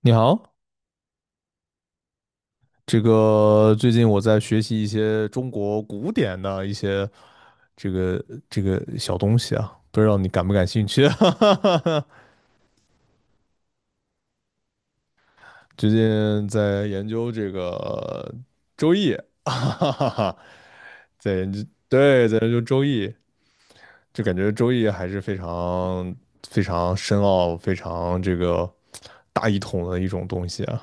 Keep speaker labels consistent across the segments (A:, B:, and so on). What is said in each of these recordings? A: 你好。最近我在学习一些中国古典的一些这个这个小东西啊，不知道你感不感兴趣？哈哈哈。最近在研究这个《周易》哈哈哈，在研究，对，在研究《周易》，就感觉《周易》还是非常非常深奥、非常大一统的一种东西啊。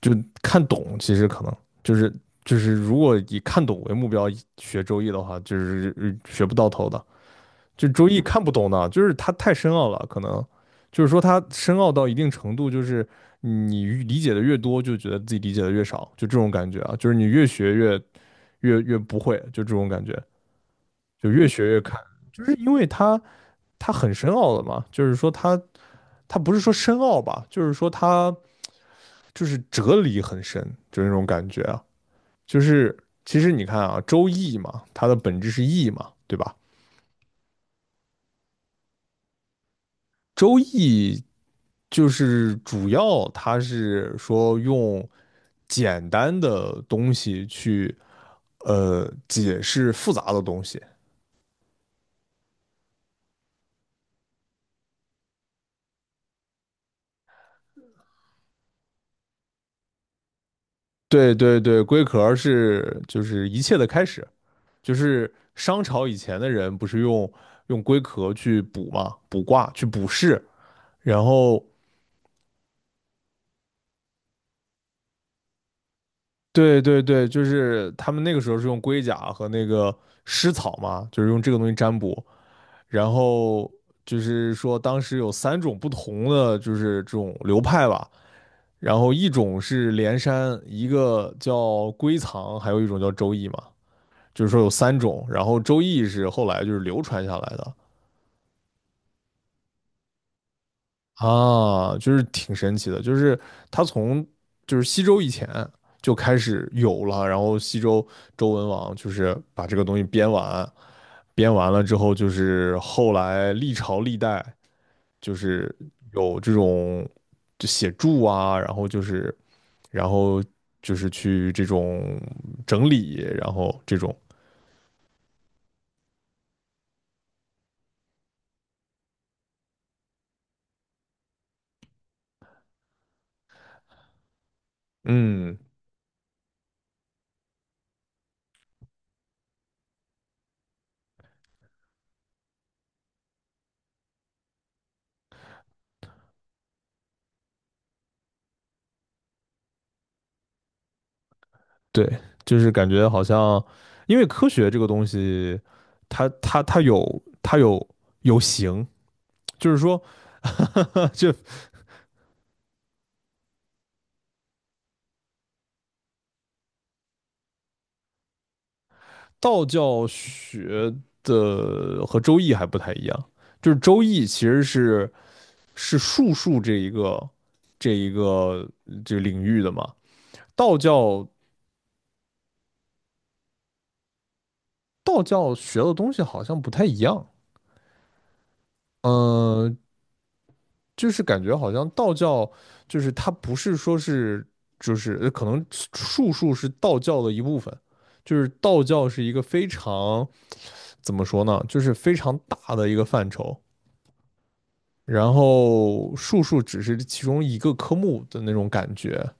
A: 就看懂，其实可能就是就是如果以看懂为目标学周易的话，就是学不到头的。就周易看不懂的，就是它太深奥了，可能就是说它深奥到一定程度，就是你理解的越多，就觉得自己理解的越少，就这种感觉啊，就是你越学越不会，就这种感觉，就越学越看，就是因为它很深奥的嘛，就是说它不是说深奥吧，就是说它就是哲理很深，就那种感觉啊，就是其实你看啊，周易嘛，它的本质是易嘛，对吧？周易就是主要它是说用简单的东西去解释复杂的东西。对对对，龟壳是就是一切的开始，就是商朝以前的人不是用龟壳去卜嘛，卜卦去卜筮，然后对对对，就是他们那个时候是用龟甲和那个尸草嘛，就是用这个东西占卜，然后就是说当时有三种不同的就是这种流派吧，然后一种是连山，一个叫龟藏，还有一种叫周易嘛，就是说有三种，然后周易是后来就是流传下来的，啊，就是挺神奇的，就是他从就是西周以前就开始有了，然后西周周文王就是把这个东西编完，编完了之后，就是后来历朝历代就是有这种就写注啊，然后就是去这种整理，然后这种嗯，对，就是感觉好像，因为科学这个东西，它有形，就是说，就道教学的和周易还不太一样，就是周易其实是术数这一个这个领域的嘛，道教道教学的东西好像不太一样，嗯、就是感觉好像道教就是它不是说是就是可能术数是道教的一部分，就是道教是一个非常怎么说呢，就是非常大的一个范畴，然后术数只是其中一个科目的那种感觉，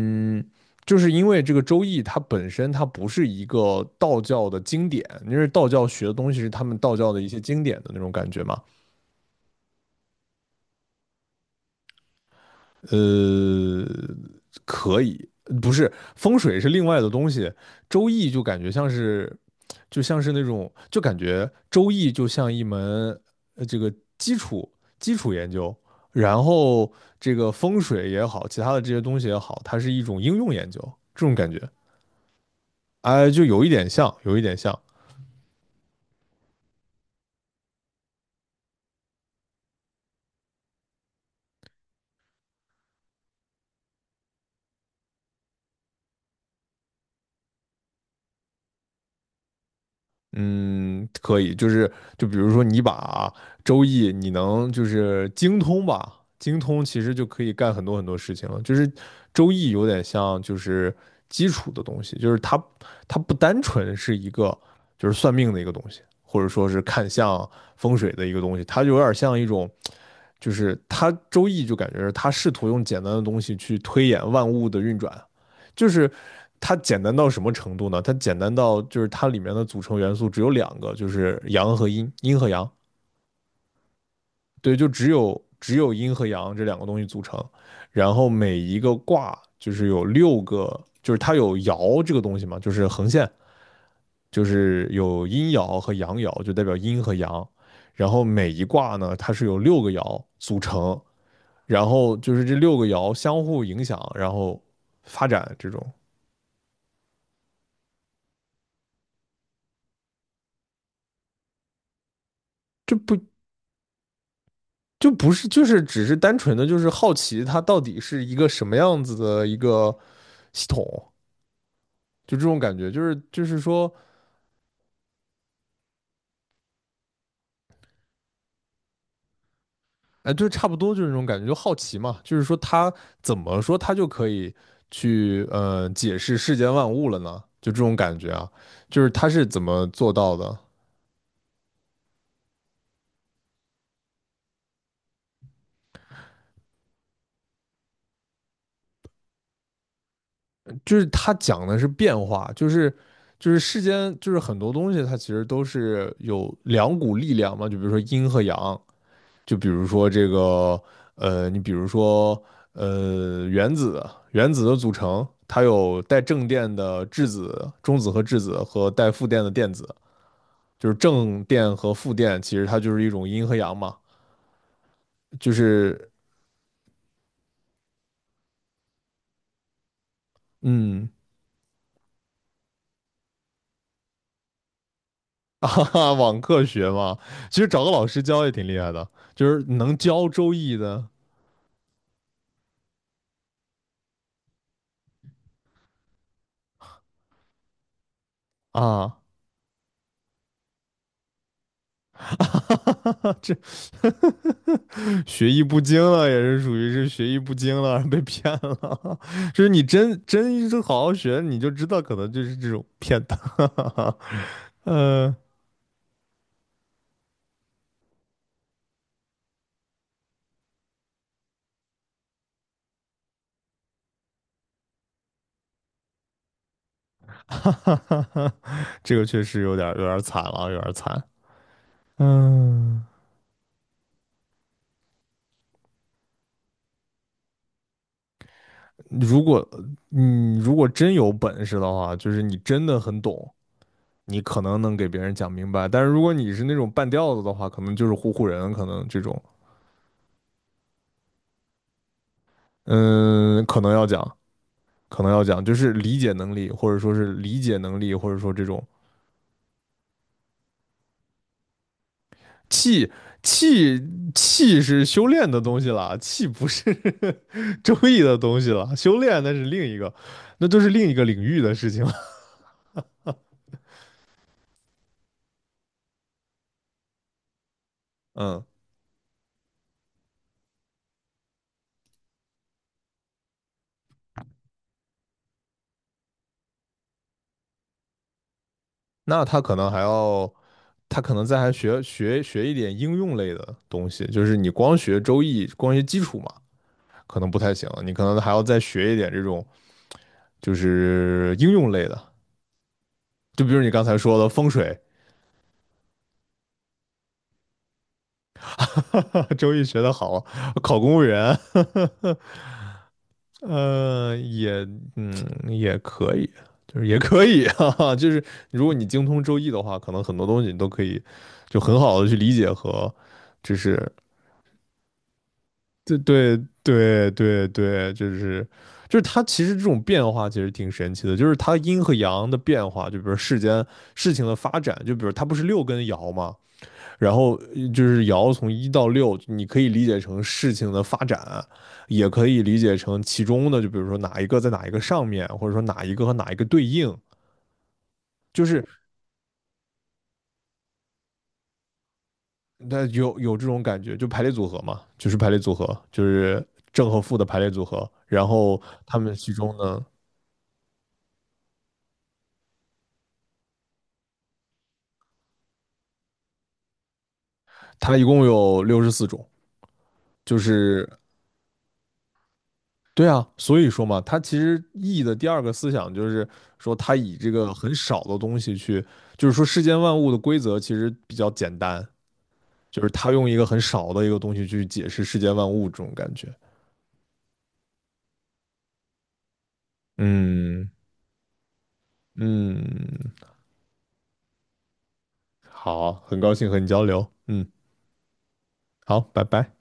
A: 嗯。就是因为这个《周易》，它本身它不是一个道教的经典，因为道教学的东西是他们道教的一些经典的那种感觉嘛。呃，可以，不是风水是另外的东西，周易就感觉像是，就像是那种，就感觉周易就像一门呃这个基础基础研究，然后这个风水也好，其他的这些东西也好，它是一种应用研究，这种感觉，哎，就有一点像，有一点像，嗯，可以，就是比如说你把周易，你能就是精通吧，精通其实就可以干很多很多事情了。就是周易有点像就是基础的东西，就是它不单纯是一个就是算命的一个东西，或者说是看相风水的一个东西，它就有点像一种就是它周易就感觉是它试图用简单的东西去推演万物的运转，就是它简单到什么程度呢？它简单到就是它里面的组成元素只有两个，就是阳和阴，阴和阳，对，就只有阴和阳这两个东西组成，然后每一个卦就是有六个，就是它有爻这个东西嘛，就是横线，就是有阴爻和阳爻，就代表阴和阳，然后每一卦呢，它是由六个爻组成，然后就是这六个爻相互影响，然后发展这种。这不就不是，就是只是单纯的就是好奇它到底是一个什么样子的一个系统，就这种感觉，就是说，哎，就差不多就是那种感觉，就好奇嘛，就是说它怎么说它就可以去解释世间万物了呢？就这种感觉啊，就是它是怎么做到的？就是它讲的是变化，就是世间就是很多东西它其实都是有两股力量嘛，就比如说阴和阳，就比如说这个，你比如说，原子，原子的组成，它有带正电的质子、中子和质子，和带负电的电子，就是正电和负电，其实它就是一种阴和阳嘛，就是，嗯，啊哈哈，网课学嘛，其实找个老师教也挺厉害的，就是能教《周易》的啊。哈哈哈，学艺不精了，也是属于是学艺不精了，被骗了。就是你真一直好好学，你就知道可能就是这种骗的。呃，这个确实有点惨了，有点惨。嗯，如果你真有本事的话，就是你真的很懂，你可能能给别人讲明白。但是如果你是那种半吊子的话，可能就是唬唬人，可能这种，嗯，可能要讲。可能要讲，就是理解能力，或者说是理解能力，或者说这种气气气是修炼的东西了，气不是 周易的东西了，修炼那是另一个，那都是另一个领域的事情了。嗯，那他可能还要，他可能再还学一点应用类的东西，就是你光学周易，光学基础嘛，可能不太行，你可能还要再学一点这种，就是应用类的，就比如你刚才说的风水。周易学得好，考公务员，也嗯也可以，就是也可以啊，就是如果你精通周易的话，可能很多东西你都可以就很好的去理解和，就是对对对对对，就是它其实这种变化其实挺神奇的，就是它阴和阳的变化，就比如世间事情的发展，就比如它不是六根爻吗？然后就是爻从一到六，你可以理解成事情的发展，也可以理解成其中的，就比如说哪一个在哪一个上面，或者说哪一个和哪一个对应，就是它有这种感觉，就排列组合嘛，就是排列组合，就是正和负的排列组合。然后它们其中呢，它一共有64种，就是对啊，所以说嘛，他其实易的第二个思想就是说，他以这个很少的东西去，就是说世间万物的规则其实比较简单，就是他用一个很少的一个东西去解释世间万物这种感觉。嗯嗯，好，很高兴和你交流。嗯，好，拜拜。